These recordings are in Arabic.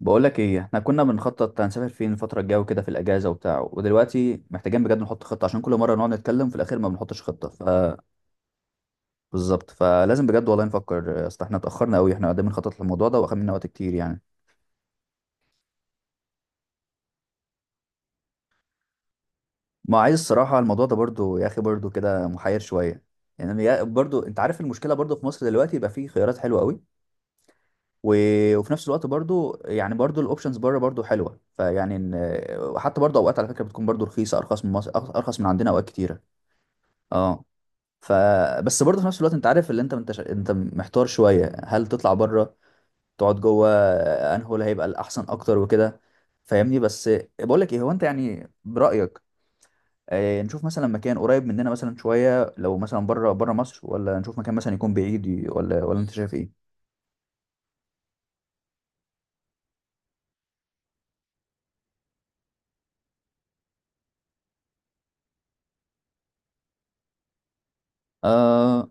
بقول لك ايه، احنا كنا بنخطط هنسافر فين الفتره الجايه وكده في الاجازه وبتاع، ودلوقتي محتاجين بجد نحط خطه، عشان كل مره نقعد نتكلم في الاخير ما بنحطش خطه. ف بالظبط، فلازم بجد والله نفكر، اصل احنا اتاخرنا قوي، احنا قاعدين بنخطط للموضوع ده واخد منا وقت كتير يعني. ما عايز الصراحه الموضوع ده برضو يا اخي برضو كده محير شويه. برضو انت عارف المشكله، برضو في مصر دلوقتي يبقى فيه خيارات حلوه قوي. و... وفي نفس الوقت برضو يعني برضو الاوبشنز بره برضو حلوه، وحتى برضو اوقات على فكره بتكون برضو رخيصه، ارخص من مصر، ارخص من عندنا اوقات كتيره. اه. ف بس برضه في نفس الوقت انت عارف اللي انت محتار شويه، هل تطلع بره تقعد جوه؟ انهو اللي هيبقى الاحسن اكتر وكده؟ فاهمني بس. بقول لك ايه، هو انت يعني برايك، نشوف مثلا مكان قريب مننا مثلا شويه، لو مثلا بره مصر، ولا نشوف مكان مثلا يكون بعيد، ولا انت شايف ايه؟ آه.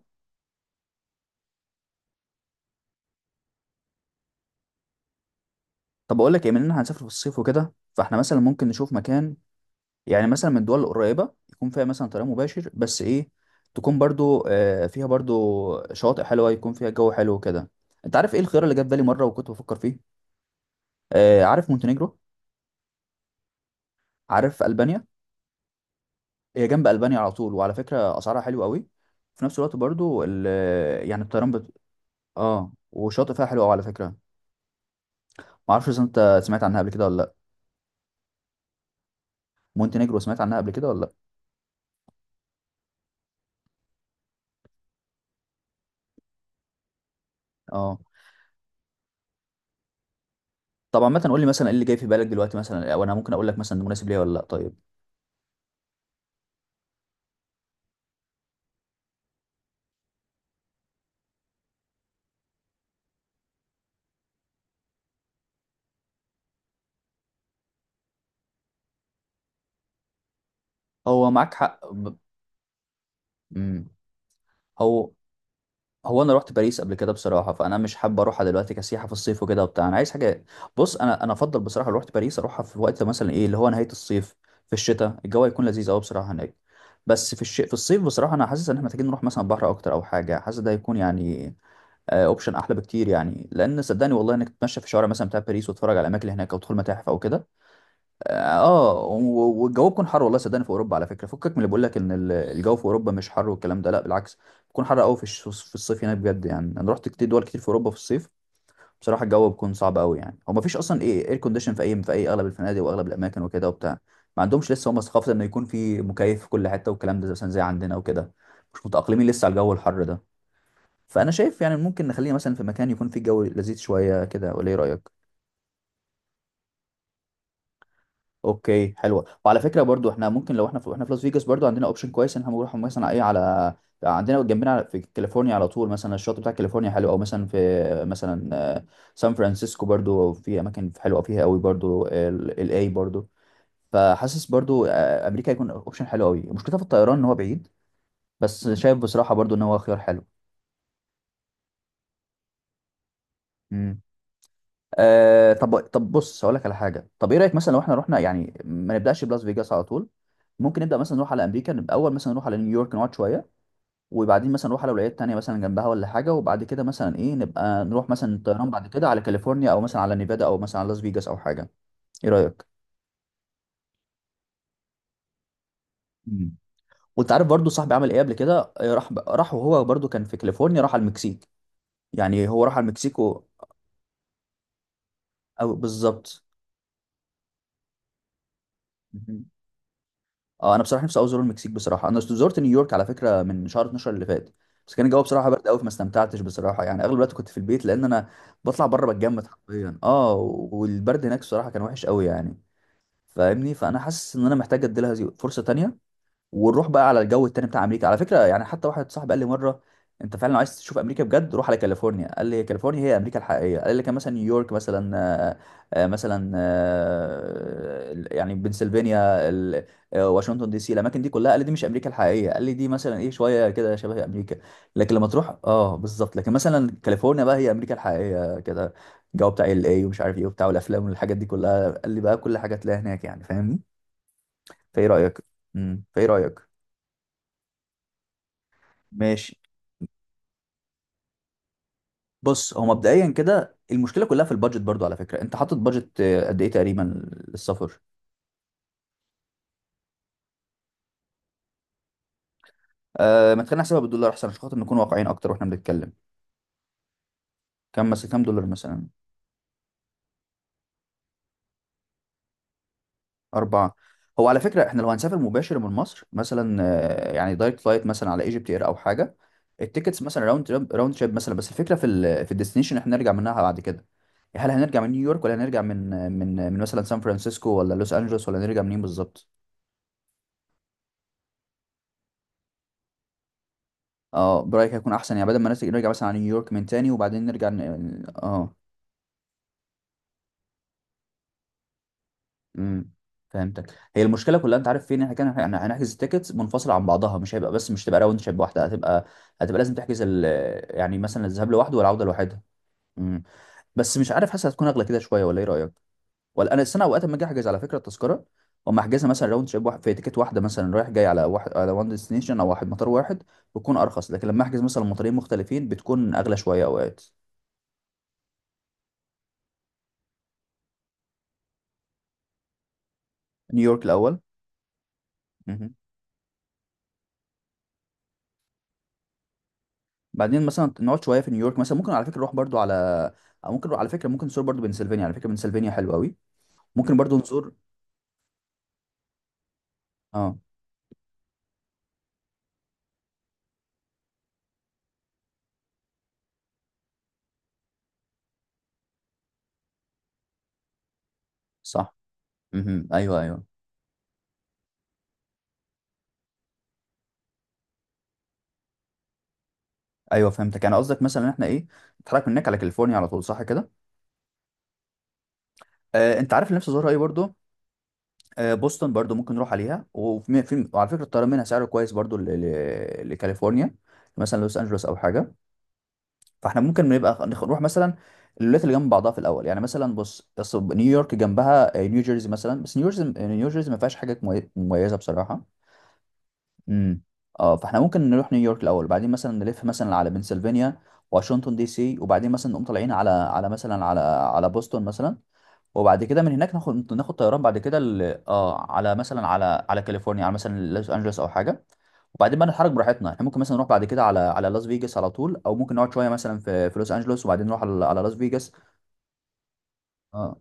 طب اقول لك ايه، مننا هنسافر في الصيف وكده، فاحنا مثلا ممكن نشوف مكان، يعني مثلا من الدول القريبة، يكون فيها مثلا طريق مباشر، بس ايه، تكون برضو فيها برضو شواطئ حلوة، يكون فيها جو حلو كده. انت عارف ايه الخيار اللي جه في بالي مرة وكنت بفكر فيه؟ عارف مونتينيجرو؟ عارف ألبانيا؟ هي جنب ألبانيا على طول، وعلى فكرة أسعارها حلوة قوي. في نفس الوقت برضو يعني اه، وشاطئ فيها حلو قوي على فكرة. ما اعرفش اذا انت سمعت عنها قبل كده ولا لا؟ مونتينيجرو، سمعت عنها قبل كده ولا لا؟ اه. طبعا، مثلا قول لي مثلا ايه اللي جاي في بالك دلوقتي مثلا، وانا ممكن اقول لك مثلا ده مناسب ليا ولا لا، طيب؟ هو معاك حق ب... مم. هو انا رحت باريس قبل كده بصراحه، فانا مش حابب اروحها دلوقتي كسياحه في الصيف وكده وبتاع، انا عايز حاجه. بص، انا افضل بصراحه، لو رحت باريس اروحها في وقت مثلا ايه اللي هو نهايه الصيف، في الشتاء الجو هيكون لذيذ قوي بصراحه هناك. بس في الصيف بصراحه انا حاسس ان احنا محتاجين نروح مثلا بحر اكتر او حاجه. حاسس ده هيكون يعني اوبشن احلى بكتير، يعني لان صدقني والله انك تتمشى في شوارع مثلا بتاع باريس، وتتفرج على الاماكن اللي هناك، او تدخل متاحف او كده. اه. والجو بيكون حر والله، صدقني في اوروبا على فكره. فكك من اللي بيقول لك ان الجو في اوروبا مش حر والكلام ده، لا بالعكس، بيكون حر قوي في الصيف هناك بجد. يعني انا رحت كتير دول كتير في اوروبا في الصيف، بصراحه الجو بيكون صعب قوي. يعني هو ما فيش اصلا ايه اير كونديشن في اي، في اي اغلب الفنادق واغلب الاماكن وكده وبتاع. ما عندهمش لسه هم ثقافه انه يكون في مكيف في كل حته والكلام ده، مثلا زي عندنا وكده. مش متاقلمين لسه على الجو الحر ده. فانا شايف يعني ممكن نخلينا مثلا في مكان يكون فيه جو لذيذ شويه كده، ولا ايه رايك؟ اوكي، حلوه. وعلى فكره برضو احنا ممكن لو احنا في لاس فيجاس، برضو عندنا اوبشن كويس ان احنا نروح مثلا ايه، على عندنا جنبنا في كاليفورنيا على طول، مثلا الشاطئ بتاع كاليفورنيا حلو، او مثلا في مثلا آه، سان فرانسيسكو برضو في اماكن حلوه فيها قوي، برضو الاي برضو. فحاسس برضو امريكا هيكون اوبشن حلو قوي. مشكلتها في الطيران ان هو بعيد، بس شايف بصراحه برضو ان هو خيار حلو. آه، طب بص هقول لك على حاجه، طب ايه رايك مثلا لو احنا رحنا، يعني ما نبداش بلاس فيجاس على طول، ممكن نبدا مثلا نروح على امريكا، نبقى اول مثلا نروح على نيويورك نقعد شويه، وبعدين مثلا نروح على ولايات تانية مثلا جنبها ولا حاجه، وبعد كده مثلا ايه، نبقى نروح مثلا طيران بعد كده على كاليفورنيا، او مثلا على نيفادا، او مثلا على لاس فيجاس او حاجه. ايه رايك؟ مم. وانت عارف برضو صاحبي عمل ايه قبل كده؟ راح وهو برضو كان في كاليفورنيا، راح على المكسيك. يعني هو راح على المكسيك او بالظبط. اه انا بصراحه نفسي أوي ازور المكسيك. بصراحه انا زرت نيويورك على فكره من شهر 12 اللي فات، بس كان الجو بصراحه برد قوي، فما استمتعتش بصراحه. يعني اغلب الوقت كنت في البيت، لان انا بطلع بره بتجمد حرفيا، اه. والبرد هناك بصراحه كان وحش قوي يعني. فاهمني، فانا حاسس ان انا محتاج ادي لها فرصه تانية. ونروح بقى على الجو التاني بتاع امريكا على فكره. يعني حتى واحد صاحبي قال لي مره، انت فعلا لو عايز تشوف امريكا بجد روح على كاليفورنيا. قال لي كاليفورنيا هي امريكا الحقيقيه. قال لي كان مثلا نيويورك مثلا مثلا يعني بنسلفانيا واشنطن دي سي، الاماكن دي كلها قال لي دي مش امريكا الحقيقيه. قال لي دي مثلا ايه، شويه كده شبه امريكا. لكن لما تروح، اه بالظبط، لكن مثلا كاليفورنيا بقى، هي امريكا الحقيقيه كده، الجو بتاع ال اي ومش عارف ايه وبتاع والافلام والحاجات دي كلها، قال لي بقى كل حاجه تلاقيها هناك، يعني فاهمني. فايه رايك؟ فايه رايك؟ ماشي. بص، هو مبدئيا كده المشكله كلها في البادجت برضو على فكره. انت حاطط بادجت قد ايه تقريبا للسفر؟ آه، ما تخلينا نحسبها بالدولار احسن، عشان خاطر نكون واقعيين اكتر واحنا بنتكلم. كم مثلا، كم دولار مثلا؟ اربعه. هو على فكره احنا لو هنسافر مباشر من مصر مثلا، يعني دايركت فلايت مثلا على ايجيبت اير او حاجه، التيكتس مثلا راوند تريب مثلا، بس الفكره في في الديستنيشن احنا هنرجع منها بعد كده. هل هنرجع من نيويورك، ولا هنرجع من مثلا سان فرانسيسكو، ولا لوس انجلوس، ولا هنرجع منين بالظبط؟ اه برايك هيكون احسن، يعني بدل ما نرجع مثلا على نيويورك من تاني، وبعدين اه. امم. فهمتك. هي المشكله كلها انت عارف فين، احنا كان هنحجز التيكتس منفصله عن بعضها، مش هيبقى بس مش تبقى راوند شيب واحده، هتبقى لازم يعني مثلا الذهاب لوحده والعوده لوحدها. امم. بس مش عارف، حاسس هتكون اغلى كده شويه، ولا ايه رايك؟ ولا انا السنه اوقات لما اجي احجز على فكره التذكره، اما احجزها مثلا راوند شيب واحد في تيكت واحده مثلا، رايح جاي على واحد، على وان ديستنيشن، او واحد، مطار واحد، بتكون ارخص. لكن لما احجز مثلا مطارين مختلفين بتكون اغلى شويه اوقات. نيويورك الاول. مهم. بعدين مثلا نقعد شويه في نيويورك، مثلا ممكن على فكره نروح برضو على، أو ممكن على فكره ممكن نزور برضو بنسلفانيا، على فكره بنسلفانيا حلوه قوي. ممكن برضو نزور. اه صح. امم، ايوه ايوه. ايوه فهمتك، انا قصدك مثلا ان احنا ايه، نتحرك من هناك على كاليفورنيا على طول صح كده. آه. انت عارف اللي نفسي ازورها ايه برضو؟ آه بوسطن، برضو ممكن نروح عليها. وفي في وعلى فكره الطيران منها سعره كويس برضو لكاليفورنيا، مثلا لوس انجلوس او حاجه. فاحنا ممكن نبقى نروح مثلا الولايات اللي جنب بعضها في الاول. يعني مثلا بص، أصل نيويورك جنبها نيوجيرسي مثلا، بس نيوجيرسي، ما فيهاش حاجه مميزه بصراحه. امم. اه، فاحنا ممكن نروح نيويورك الاول، بعدين مثلا نلف مثلا على بنسلفانيا، واشنطن دي سي، وبعدين مثلا نقوم طالعين على مثلا على بوسطن مثلا، وبعد كده من هناك ناخد طيران بعد كده اه على مثلا على كاليفورنيا، على مثلا لوس انجلوس او حاجه. وبعدين بقى نتحرك براحتنا، احنا ممكن مثلا نروح بعد كده على لاس فيجاس على طول، او ممكن نقعد شويه مثلا في لوس انجلوس، وبعدين نروح على، على لاس فيجاس. اه.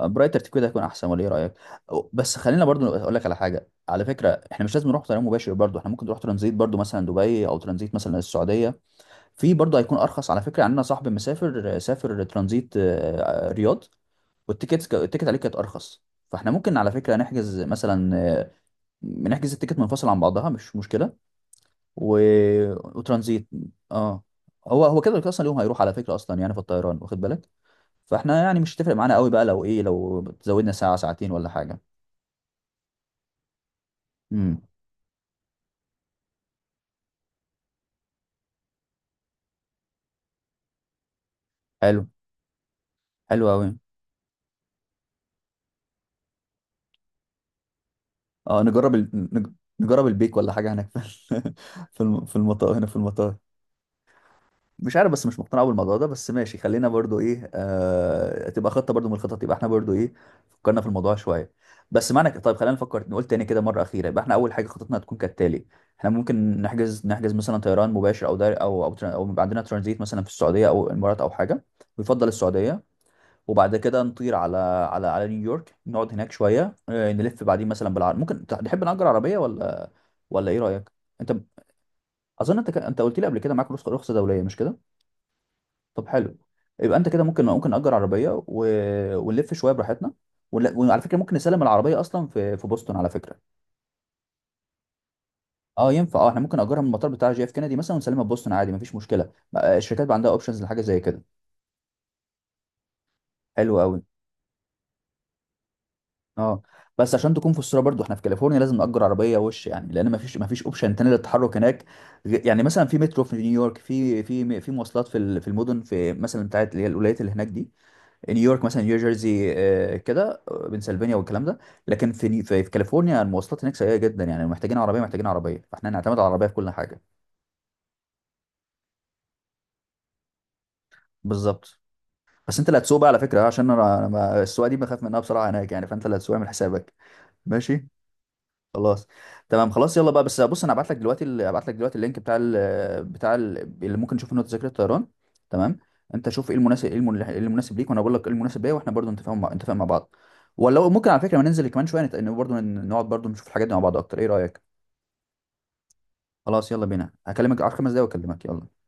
براي ترتيب كده هيكون احسن، ولا ايه رايك؟ بس خلينا برضو اقول لك على حاجه، على فكره احنا مش لازم نروح طيران مباشر، برضو احنا ممكن نروح ترانزيت برضو مثلا دبي، او ترانزيت مثلا السعوديه. في برضو هيكون ارخص على فكره، عندنا صاحب مسافر سافر ترانزيت رياض، التيكت عليه كانت ارخص. فاحنا ممكن على فكره نحجز مثلا، آه، نحجز التيكت منفصل عن بعضها مش مشكله. و... وترانزيت اه. هو هو كده كده اصلا اليوم هيروح على فكره اصلا، يعني في الطيران واخد بالك، فاحنا يعني مش هتفرق معانا قوي بقى لو ايه، لو زودنا ساعه ساعتين ولا حاجه. امم. حلو، حلو قوي. اه، نجرب البيك ولا حاجه هناك في الم... في في المطار هنا، في المطار. مش عارف، بس مش مقتنع أوي بالموضوع ده، بس ماشي خلينا برضو ايه، آه، تبقى خطه برضو من الخطط، يبقى احنا برضو ايه، فكرنا في الموضوع شويه. بس طيب خلينا نفكر نقول تاني كده مره اخيره، يبقى احنا اول حاجه خطتنا هتكون كالتالي: احنا ممكن نحجز مثلا طيران مباشر، او دار او او يبقى عندنا ترانزيت مثلا في السعوديه، او الامارات، او حاجه، ويفضل السعوديه. وبعد كده نطير على نيويورك، نقعد هناك شويه، نلف بعدين مثلا بالعربيه. ممكن نحب نأجر عربيه، ولا، ولا ايه رايك؟ انت، اظن انت انت قلت لي قبل كده معاك رخصه، رخصة دوليه مش كده؟ طب حلو، يبقى انت كده ممكن، ممكن نأجر عربيه ونلف شويه براحتنا. وعلى فكره ممكن نسلم العربيه اصلا في بوسطن على فكره. اه ينفع، اه احنا ممكن نأجرها من المطار بتاع جي اف كندي مثلا، ونسلمها في بوسطن عادي مفيش مشكله، بقى الشركات بقى عندها اوبشنز لحاجه زي كده. حلو قوي. اه. بس عشان تكون في الصوره برضو، احنا في كاليفورنيا لازم نأجر عربيه وش، يعني لان مفيش، اوبشن تاني للتحرك هناك. يعني مثلا في مترو في نيويورك، في مواصلات في المدن في مثلا بتاعت اللي هي الولايات اللي هناك دي، نيويورك مثلا، نيو جيرسي كده، بنسلفانيا والكلام ده. لكن في ني- في في كاليفورنيا المواصلات هناك سيئه جدا، يعني محتاجين عربيه، محتاجين عربيه، فاحنا هنعتمد على العربيه في كل حاجه. بالظبط. بس انت اللي هتسوق بقى على فكره، عشان انا، أنا ما- السواقه دي بخاف منها بصراحه هناك، يعني فانت اللي هتسوق من حسابك. ماشي. خلاص. تمام، خلاص، يلا بقى، بس بص، انا هبعت لك دلوقتي هبعت لك دلوقتي اللينك بتاع ال اللي ممكن نشوف منه تذاكر الطيران، تمام؟ انت شوف ايه المناسب، ايه إيه المناسب ليك، وانا بقول لك ايه المناسب ليا، واحنا برضو نتفاهم نتفق مع بعض. ولو ممكن على فكره ما ننزل كمان شويه نت... إن برضو نقعد برضو نشوف الحاجات دي مع بعض اكتر، ايه رايك؟ خلاص، يلا بينا، هكلمك على خمس دقايق واكلمك، يلا.